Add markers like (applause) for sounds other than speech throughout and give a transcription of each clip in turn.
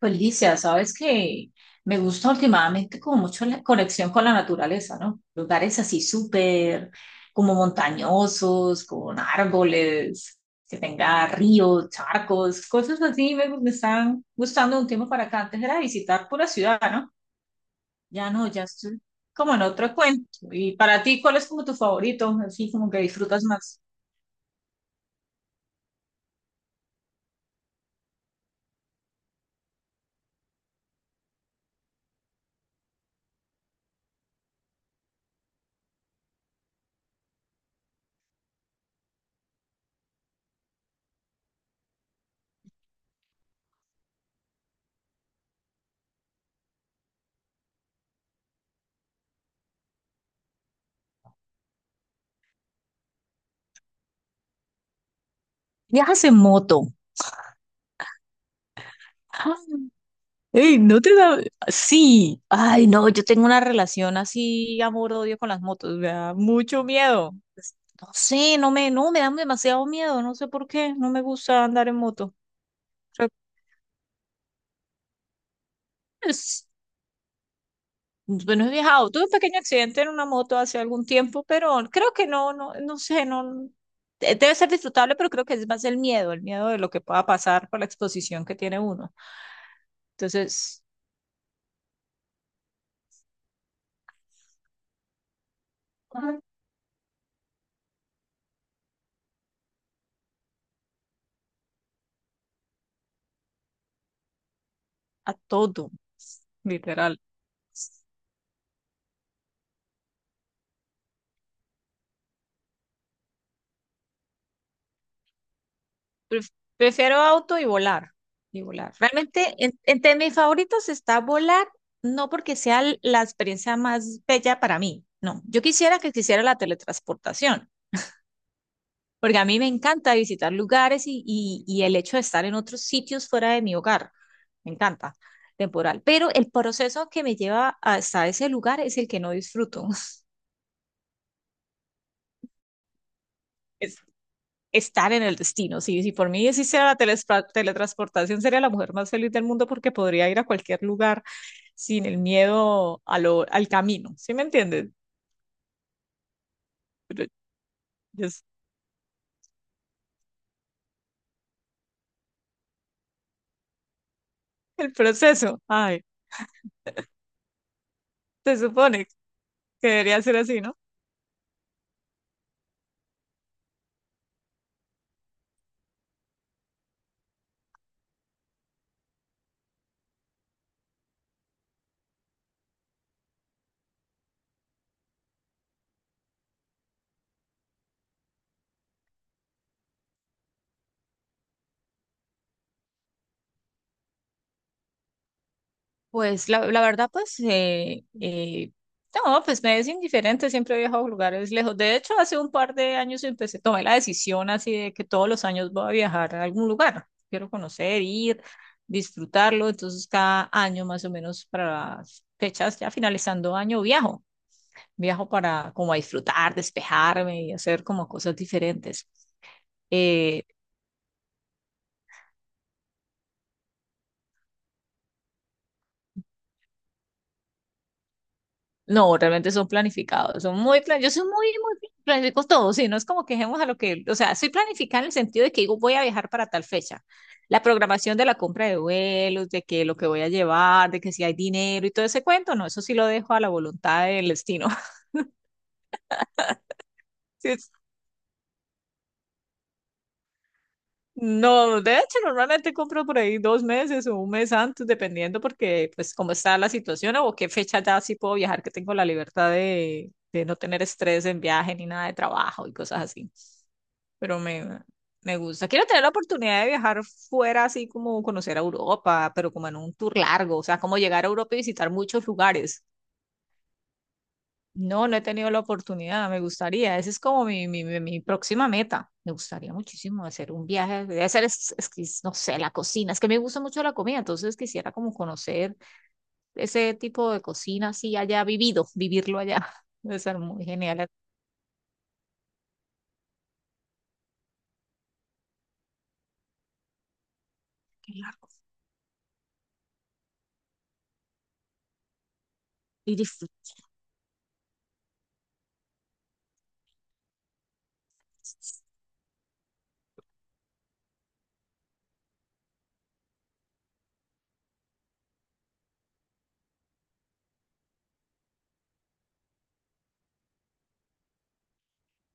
Pues Licia, sabes que me gusta últimamente como mucho la conexión con la naturaleza, ¿no? Lugares así súper como montañosos, con árboles, que tenga ríos, charcos, cosas así me están gustando de un tiempo para acá. Antes era visitar pura ciudad, ¿no? Ya no, ya estoy como en otro cuento. Y para ti, ¿cuál es como tu favorito? Así como que disfrutas más. Viajas en moto. Ey, no te da... Sí, ay, no, yo tengo una relación así, amor-odio con las motos, me da mucho miedo. No sé, no me, no, me dan demasiado miedo, no sé por qué, no me gusta andar en moto. O sea, pues, bueno, he viajado, tuve un pequeño accidente en una moto hace algún tiempo, pero creo que no, no, no sé, no... Debe ser disfrutable, pero creo que es más el miedo de lo que pueda pasar por la exposición que tiene uno. Entonces, a todo, literal. Pref- Prefiero auto y volar. Y volar. Realmente, entre mis favoritos está volar, no porque sea la experiencia más bella para mí, no. Yo quisiera que quisiera la teletransportación, porque a mí me encanta visitar lugares y el hecho de estar en otros sitios fuera de mi hogar. Me encanta, temporal. Pero el proceso que me lleva hasta ese lugar es el que no disfruto. (laughs) Estar en el destino. Si, si por mí existiera la teletransportación, sería la mujer más feliz del mundo porque podría ir a cualquier lugar sin el miedo a lo, al camino. ¿Sí me entiendes? Pero es el proceso. Ay, se supone que debería ser así, ¿no? Pues la verdad, pues no, pues me es indiferente, siempre he viajado a lugares lejos. De hecho, hace un par de años empecé, tomé la decisión así de que todos los años voy a viajar a algún lugar. Quiero conocer, ir, disfrutarlo. Entonces, cada año más o menos para las fechas, ya finalizando año, viajo. Viajo para como a disfrutar, despejarme y hacer como cosas diferentes. Eh, No, realmente son planificados, son muy plan, yo soy muy, muy planifico todo, sí, no es como que quejemos a lo que, o sea, soy planificada en el sentido de que digo, voy a viajar para tal fecha, la programación de la compra de vuelos, de que lo que voy a llevar, de que si hay dinero y todo ese cuento, no, eso sí lo dejo a la voluntad del destino. (laughs) Sí, no, de hecho, normalmente compro por ahí dos meses o un mes antes, dependiendo porque, pues, cómo está la situación o qué fecha ya sí puedo viajar, que tengo la libertad de no tener estrés en viaje ni nada de trabajo y cosas así. Pero me gusta. Quiero tener la oportunidad de viajar fuera, así como conocer a Europa, pero como en un tour largo, o sea, como llegar a Europa y visitar muchos lugares. No, no he tenido la oportunidad, me gustaría. Esa es como mi próxima meta. Me gustaría muchísimo hacer un viaje, de hacer, es que, no sé, la cocina. Es que me gusta mucho la comida, entonces quisiera como conocer ese tipo de cocina, así allá vivido, vivirlo allá. (laughs) Debe ser muy genial, qué largo. Y disfrutar.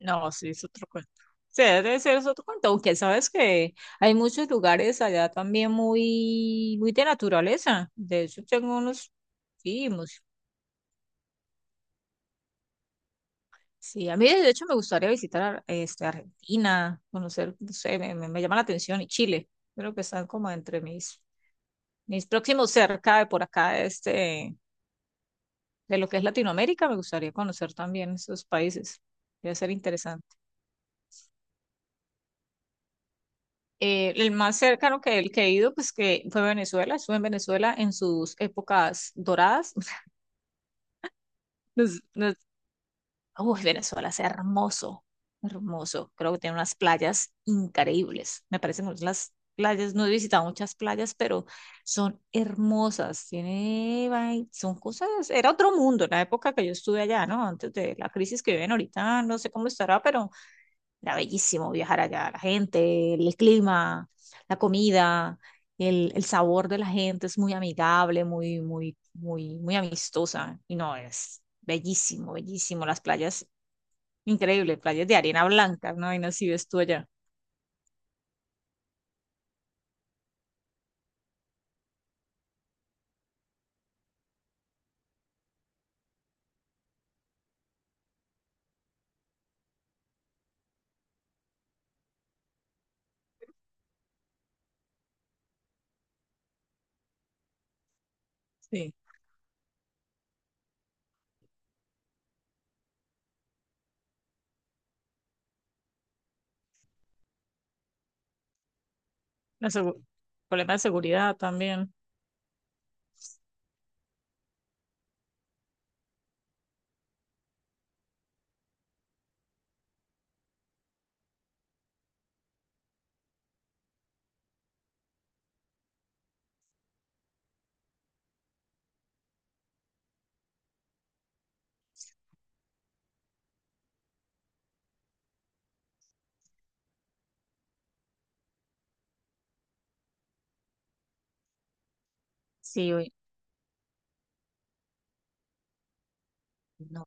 No, sí, es otro cuento. Sí, debe ser es otro cuento, aunque sabes que hay muchos lugares allá también muy, muy de naturaleza. De hecho, tengo unos, sí, sí, a mí de hecho me gustaría visitar este, Argentina, conocer, no sé, me llama la atención, y Chile, creo que están como entre mis próximos cerca de por acá, este, de lo que es Latinoamérica, me gustaría conocer también esos países. Debe ser interesante. El más cercano que, el que he ido, pues que fue Venezuela. Estuve en Venezuela en sus épocas doradas. (laughs) Nos- nos- Uy, Venezuela es hermoso, hermoso. Creo que tiene unas playas increíbles. Me parecen hermosas las playas. No he visitado muchas playas, pero son hermosas. Tiene, son cosas. Era otro mundo en la época que yo estuve allá, ¿no? Antes de la crisis que viven ahorita, no sé cómo estará, pero era bellísimo viajar allá, la gente, el clima, la comida, el sabor de la gente es muy amigable, muy, muy, muy, muy amistosa. Y no, es bellísimo, bellísimo. Las playas, increíble, playas de arena blanca, ¿no? Y no si ves tú allá. Sí, la segu- problema de seguridad también. Sí, uy, no,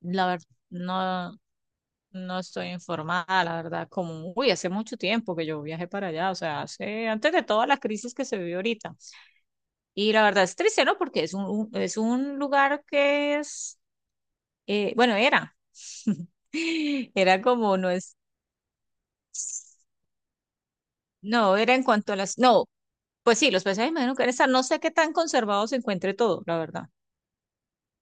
la verdad, no, no estoy informada, la verdad, como, uy, hace mucho tiempo que yo viajé para allá, o sea, hace, antes de toda la crisis que se vivió ahorita. Y la verdad es triste, ¿no? Porque es un lugar que es, bueno, era, (laughs) era como, no es, no, era en cuanto a las, no, pues sí, los paisajes imagino que están, no sé qué tan conservado se encuentre todo, la verdad.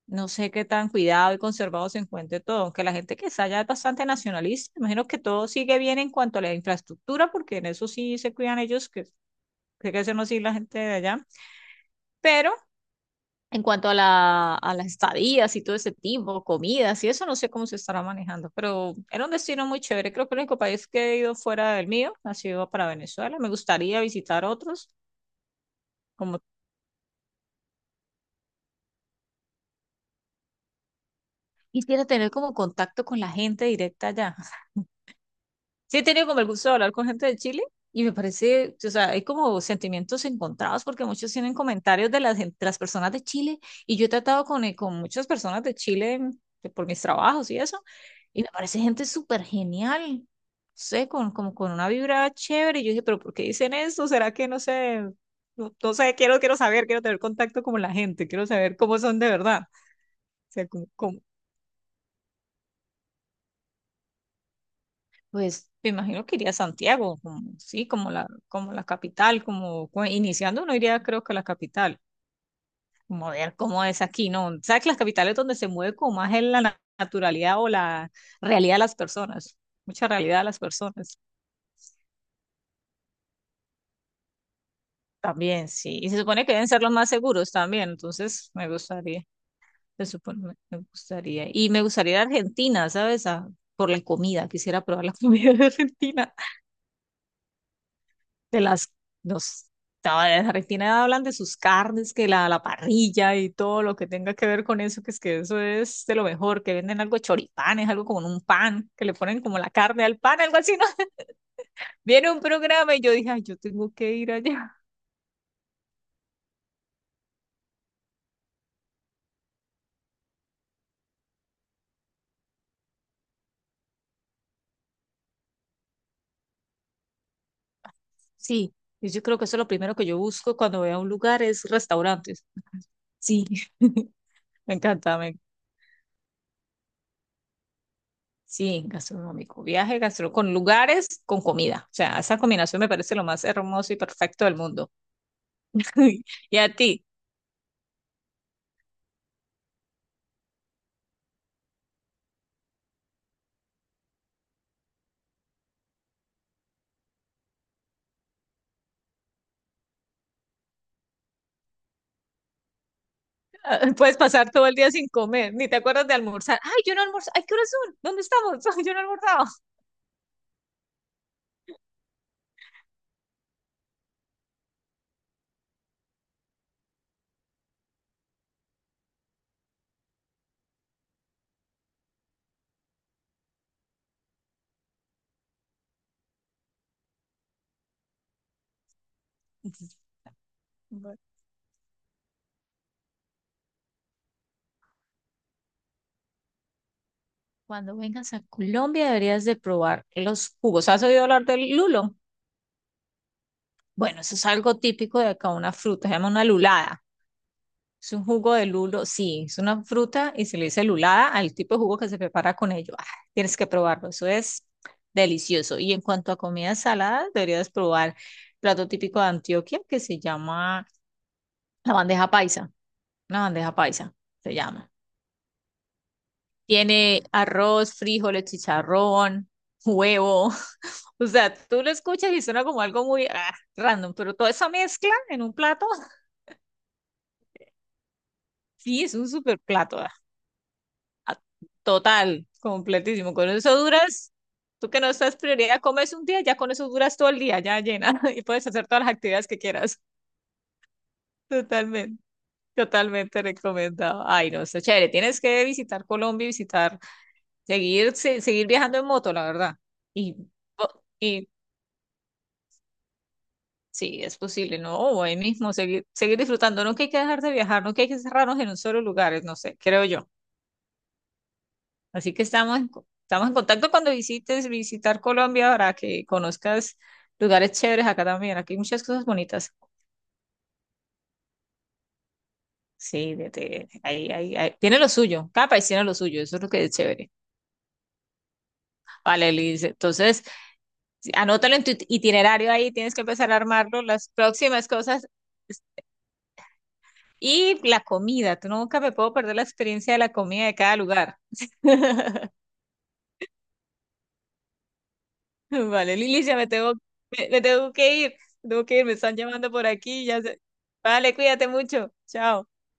No sé qué tan cuidado y conservado se encuentre todo, aunque la gente que está allá es bastante nacionalista, imagino que todo sigue bien en cuanto a la infraestructura, porque en eso sí se cuidan ellos, que sé que eso no sí la gente de allá, pero en cuanto a las estadías y todo ese tipo, comidas y eso, no sé cómo se estará manejando, pero era un destino muy chévere. Creo que el único país que he ido fuera del mío ha sido para Venezuela. Me gustaría visitar otros, como quisiera tener como contacto con la gente directa allá. Sí, he tenido como el gusto de hablar con gente de Chile y me parece, o sea, hay como sentimientos encontrados porque muchos tienen comentarios de las personas de Chile y yo he tratado con muchas personas de Chile por mis trabajos y eso, y me parece gente súper genial, no sé, con, como con una vibra chévere. Y yo dije, pero ¿por qué dicen eso? ¿Será que no sé? No, no sé, quiero, quiero saber, quiero tener contacto con la gente, quiero saber cómo son de verdad. O sea, como, pues me imagino que iría a Santiago, como, sí, como la capital, como iniciando uno iría creo que a la capital, como ver cómo es aquí, ¿no? Sabes que las capitales donde se mueve como más es la naturalidad o la realidad de las personas, mucha realidad de las personas también, sí. Y se supone que deben ser los más seguros también, entonces me gustaría, se supone, me gustaría. Y me gustaría ir a Argentina, ¿sabes? Por la comida, quisiera probar la (laughs) comida de Argentina. De las, los, no, de Argentina hablan de sus carnes, que la parrilla y todo lo que tenga que ver con eso, que es que eso es de lo mejor, que venden algo de choripanes, algo como en un pan, que le ponen como la carne al pan, algo así, ¿no? (laughs) Viene un programa y yo dije, ay, yo tengo que ir allá. (laughs) Sí, y yo creo que eso es lo primero que yo busco cuando voy a un lugar, es restaurantes. Sí, (laughs) me encanta, sí, gastronómico, viaje, gastro, con lugares, con comida. O sea, esa combinación me parece lo más hermoso y perfecto del mundo. (laughs) Uy, y a ti, ah, puedes pasar todo el día sin comer, ni te acuerdas de almorzar. Ay, yo no almorzo. Ay, ¿qué horas son? ¿Dónde estamos? (laughs) Ay, yo no he almorzado. (laughs) Bueno, cuando vengas a Colombia deberías de probar los jugos. ¿Has oído hablar del lulo? Bueno, eso es algo típico de acá, una fruta, se llama una lulada. Es un jugo de lulo, sí, es una fruta y se le dice lulada al tipo de jugo que se prepara con ello. Ah, tienes que probarlo, eso es delicioso. Y en cuanto a comidas saladas, deberías probar plato típico de Antioquia que se llama la bandeja paisa, una bandeja paisa se llama. Tiene arroz, frijoles, chicharrón, huevo. (laughs) O sea, tú lo escuchas y suena como algo muy random, pero toda esa mezcla en un plato, (laughs) sí, es un super plato. Ah, Total, completísimo. Con eso duras, tú que no estás prioridad, comes un día, ya con eso duras todo el día, ya llena, (laughs) y puedes hacer todas las actividades que quieras. Totalmente, totalmente recomendado. Ay, no, está chévere. Tienes que visitar Colombia y visitar. Seguir, seguir viajando en moto, la verdad. Y, y sí, es posible, ¿no? O ahí mismo, seguir, seguir disfrutando. No que hay que dejar de viajar, no que hay que cerrarnos en un solo lugar, no sé, creo yo. Así que estamos en, co- estamos en contacto cuando visites, visitar Colombia para que conozcas lugares chéveres acá también. Aquí hay muchas cosas bonitas. Sí, de, ahí, ahí, ahí. Tiene lo suyo, cada país tiene lo suyo, eso es lo que es chévere. Vale, Liz, entonces sí, anótalo en tu itinerario ahí, tienes que empezar a armarlo. Las próximas cosas y la comida, tú nunca me puedo perder la experiencia de la comida de cada lugar. (laughs) Vale, Lili, ya me tengo, me tengo que ir, me tengo que ir, me están llamando por aquí, ya sé. Vale, cuídate mucho, chao.